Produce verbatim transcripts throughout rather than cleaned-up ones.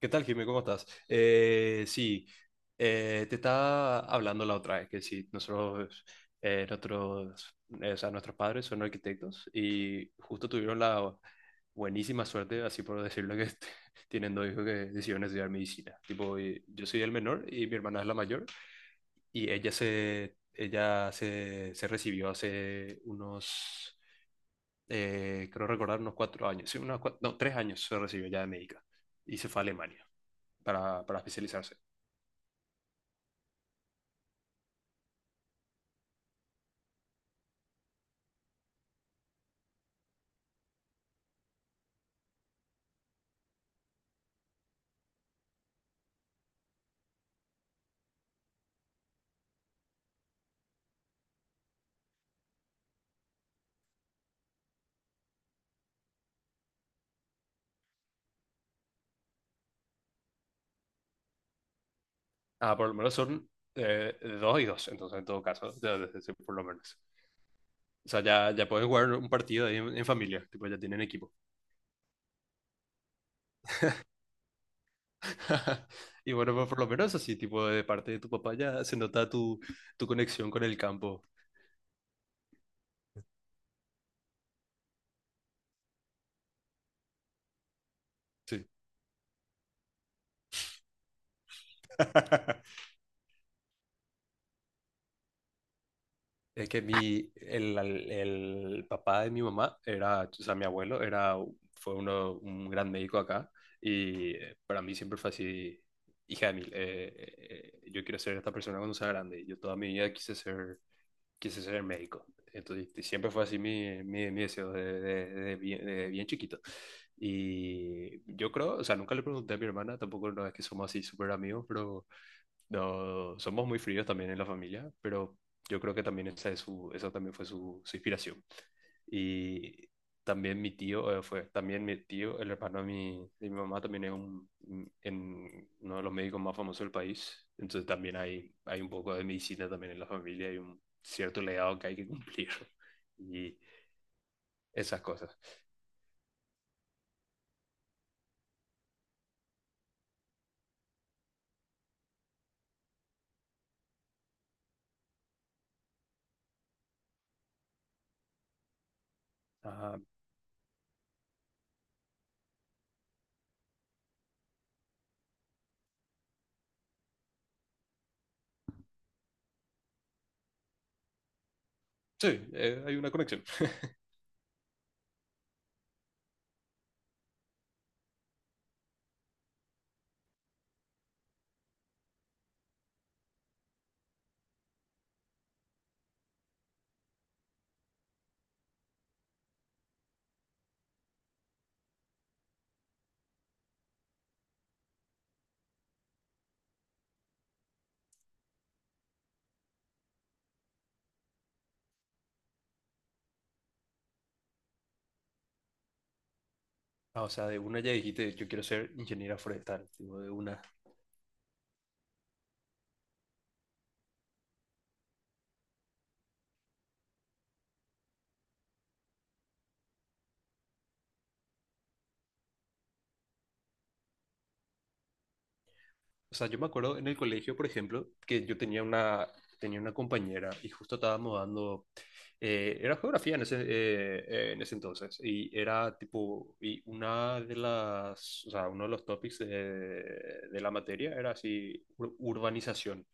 ¿Qué tal, Jimmy? ¿Cómo estás? Eh, sí, eh, Te estaba hablando la otra vez que sí, nosotros, eh, nosotros, eh, o sea, nuestros padres son arquitectos y justo tuvieron la buenísima suerte, así por decirlo, que tienen dos hijos que decidieron estudiar medicina. Tipo, y yo soy el menor y mi hermana es la mayor y ella se, ella se, se recibió hace unos, eh, creo recordar, unos cuatro años, sí, unos cua- no, tres años se recibió ya de médica y se fue a Alemania para, para especializarse. Ah, por lo menos son eh, dos y dos, entonces en todo caso, ya, ya, ya, sí, por lo menos. O sea, ya, ya pueden jugar un partido ahí en, en familia, tipo, ya tienen equipo. Y bueno, pues, por lo menos así, tipo, de parte de tu papá ya se nota tu, tu conexión con el campo. Sí. Es que mi, el, al- el papá de mi mamá era, o sea, mi abuelo era, fue uno, un gran médico acá y eh, para mí siempre fue así, hija de mil, eh, eh, eh, yo quiero ser esta persona cuando sea grande. Yo toda mi vida quise ser, quise ser médico. Entonces, y siempre fue así mi, mi, mi deseo de, de- de bien, de bien chiquito. Y yo creo, o sea, nunca le pregunté a mi hermana, tampoco no es que somos así súper amigos, pero no, somos muy fríos también en la familia, pero yo creo que también esa, es su, esa también fue su, su inspiración. Y también mi tío, eh, fue, también mi tío, el hermano de mi, de mi mamá, también es un, en uno de los médicos más famosos del país. Entonces también hay, hay un poco de medicina también en la familia, hay un cierto legado que hay que cumplir y esas cosas. Ah, sí, eh, hay una conexión. Ah, o sea, de una ya dijiste, yo quiero ser ingeniera forestal, tipo, de una. O sea, yo me acuerdo en el colegio, por ejemplo, que yo tenía una, tenía una compañera y justo estábamos dando, eh, era geografía en ese, eh, eh, en ese entonces, y era tipo, y una de las, o sea, uno de los topics de, de la materia era así, ur- urbanización.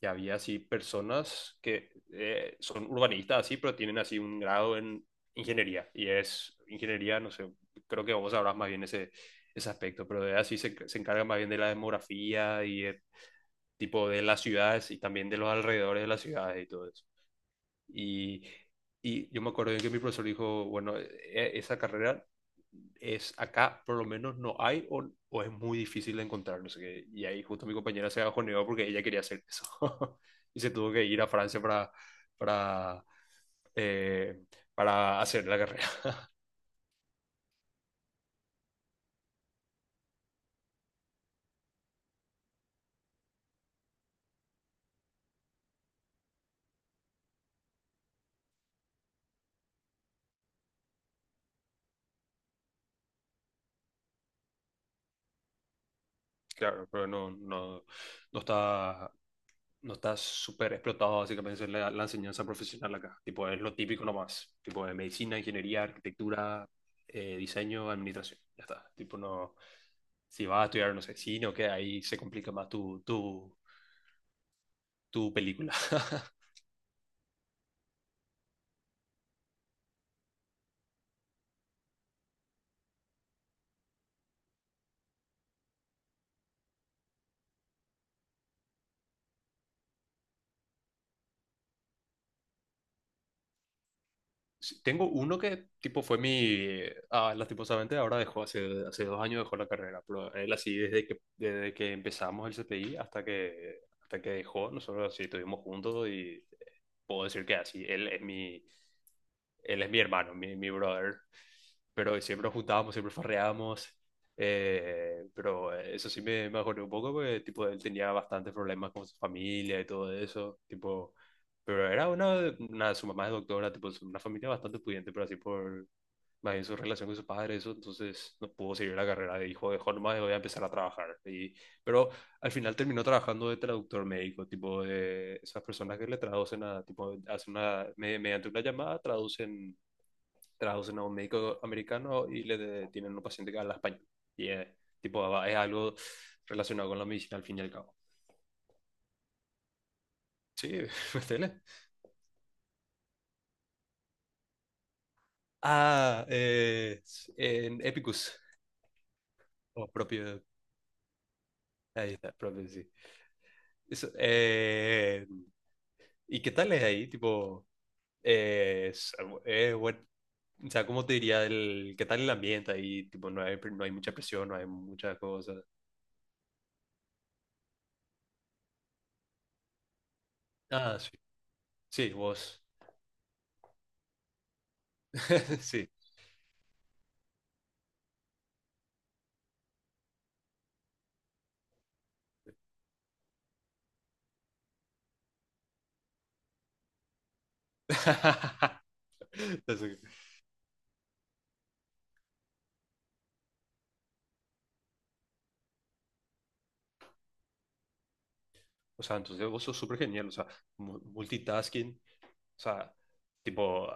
Y había así personas que eh, son urbanistas así, pero tienen así un grado en ingeniería, y es ingeniería, no sé, creo que vos sabrás más bien ese ese aspecto, pero de así se, se encarga más bien de la demografía y el tipo de las ciudades y también de los alrededores de las ciudades y todo eso. Y, y yo me acuerdo que mi profesor dijo, bueno, e- e, esa carrera es acá, por lo menos no hay o, o es muy difícil de encontrar, no sé qué. Y ahí justo mi compañera se bajoneó porque ella quería hacer eso y se tuvo que ir a Francia para, para, eh, para hacer la carrera. Claro, pero no, no, no está no estás súper explotado básicamente en la, la enseñanza profesional acá. Tipo, es lo típico nomás. Tipo, de medicina, ingeniería, arquitectura, eh, diseño, administración. Ya está. Tipo, no, si vas a estudiar, no sé, cine o qué, ahí se complica más tu, tu, tu película. Sí, tengo uno que, tipo, fue mi... Ah, lastimosamente ahora dejó, hace, hace dos años dejó la carrera, pero él así desde que, desde que empezamos el C P I hasta que, hasta que dejó, nosotros así estuvimos juntos y puedo decir que así, él es mi él es mi hermano, mi, mi brother. Pero siempre nos juntábamos, siempre farreábamos. Eh, pero eso sí me, me acordé un poco porque tipo, él tenía bastantes problemas con su familia y todo eso. Tipo, pero era una, una- su mamá es doctora, tipo, es una familia bastante pudiente, pero así por más bien su relación con su padre, eso, entonces no pudo seguir la carrera. Dijo, dejó nomás, voy a empezar a trabajar. Y, pero al final terminó trabajando de traductor médico, tipo de esas personas que le traducen a, tipo, hacen una, me- mediante una llamada traducen traducen a un médico americano y le de- tienen un paciente que habla español. Y es, tipo, es algo relacionado con la medicina al fin y al cabo. Sí, metele. Ah, eh, en Epicus, o propio, ahí está, propio, sí. Eso, eh, ¿y qué tal es ahí? Tipo, eh, es, es buen- o sea, ¿cómo te diría el, qué tal el ambiente ahí? Tipo, no hay, no hay mucha presión, no hay muchas cosas. Ah, sí, sí, vos, sí. Entonces, o sea, entonces vos sos súper genial. O sea, mu- multitasking, o sea, tipo,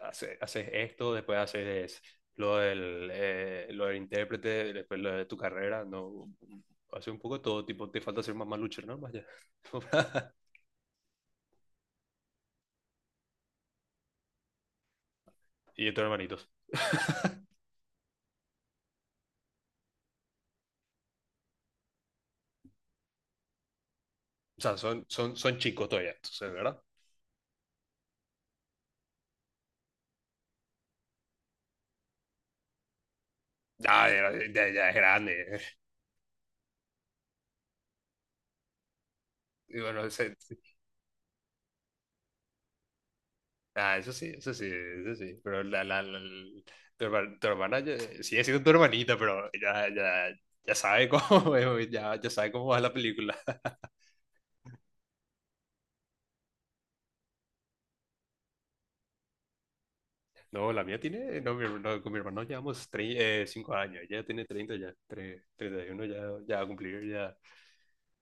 hace- haces esto, después haces lo del, eh, lo del intérprete, después lo de tu carrera, ¿no? Hace un poco de todo, tipo, te falta ser más luchera, ¿no? Vaya. Y de tus hermanitos. O sea, son, son, son chicos todavía, entonces, ¿verdad? Ya, ya, ya, ya es grande. Y bueno, se- Ah, eso sí, eso sí, eso sí. Pero la, la, la- la- tu, herma- tu hermana ya- sigue siendo tu hermanita, pero ya, ya, ya sabe cómo, ya, ya sabe cómo va la película. No, la mía tiene, no, mi her- no, con mi hermano llevamos tre- eh, cinco años, ella tiene treinta ya, tre- treinta y uno ya, ya va a cumplir, ya,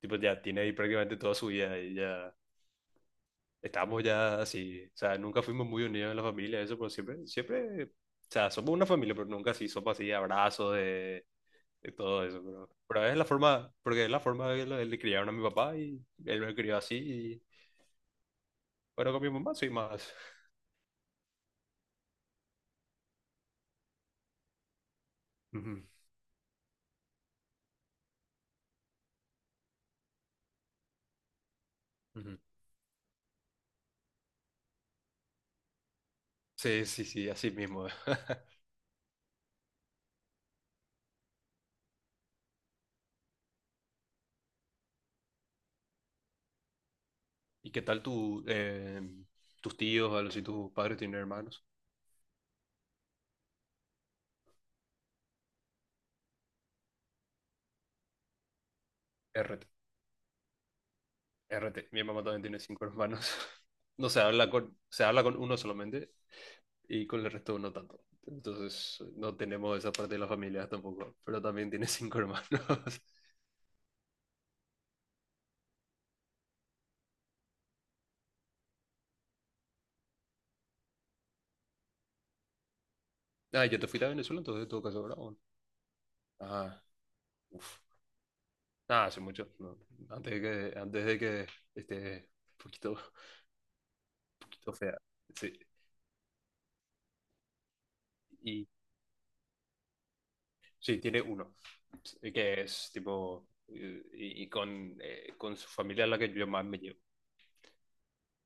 tipo, ya tiene ahí prácticamente toda su vida y ya estamos ya así, o sea, nunca fuimos muy unidos en la familia, eso, pero siempre, siempre, o sea, somos una familia, pero nunca así, somos así, abrazos y todo eso, pero, pero es la forma, porque es la forma de le, le criaron a mi papá y él me crió así y bueno, con mi mamá soy más. Ujú, ujú. Sí, sí, sí, así mismo. ¿Y qué tal tu, eh, tus tíos, o algo, si tus padres tienen hermanos? R T, R T. Mi mamá también tiene cinco hermanos. No se habla con, se habla con uno solamente y con el resto no tanto. Entonces no tenemos esa parte de la familia tampoco, pero también tiene cinco hermanos. Ah, yo te fuiste a Venezuela entonces en todo caso, ¿verdad? ¿O no? Ah, uf. Ah, hace mucho. No. Antes de que, antes de que esté un poquito, un poquito fea. Sí. Y sí, tiene uno. Sí, que es tipo. Eh, Y, y con, eh, con su familia es la que yo más me llevo.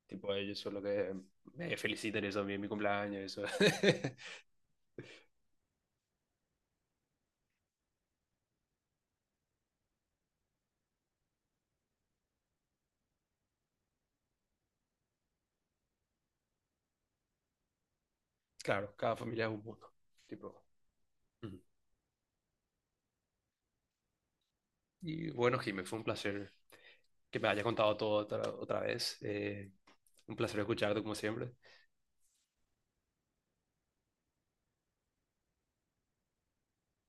Tipo, ellos son los que me felicitan eso a mí en mi cumpleaños. Eso. Claro, cada familia es un mundo. Tipo. Ujú. Y bueno, Jimé, fue un placer que me hayas contado todo otra, otra vez. Eh, un placer escucharte como siempre.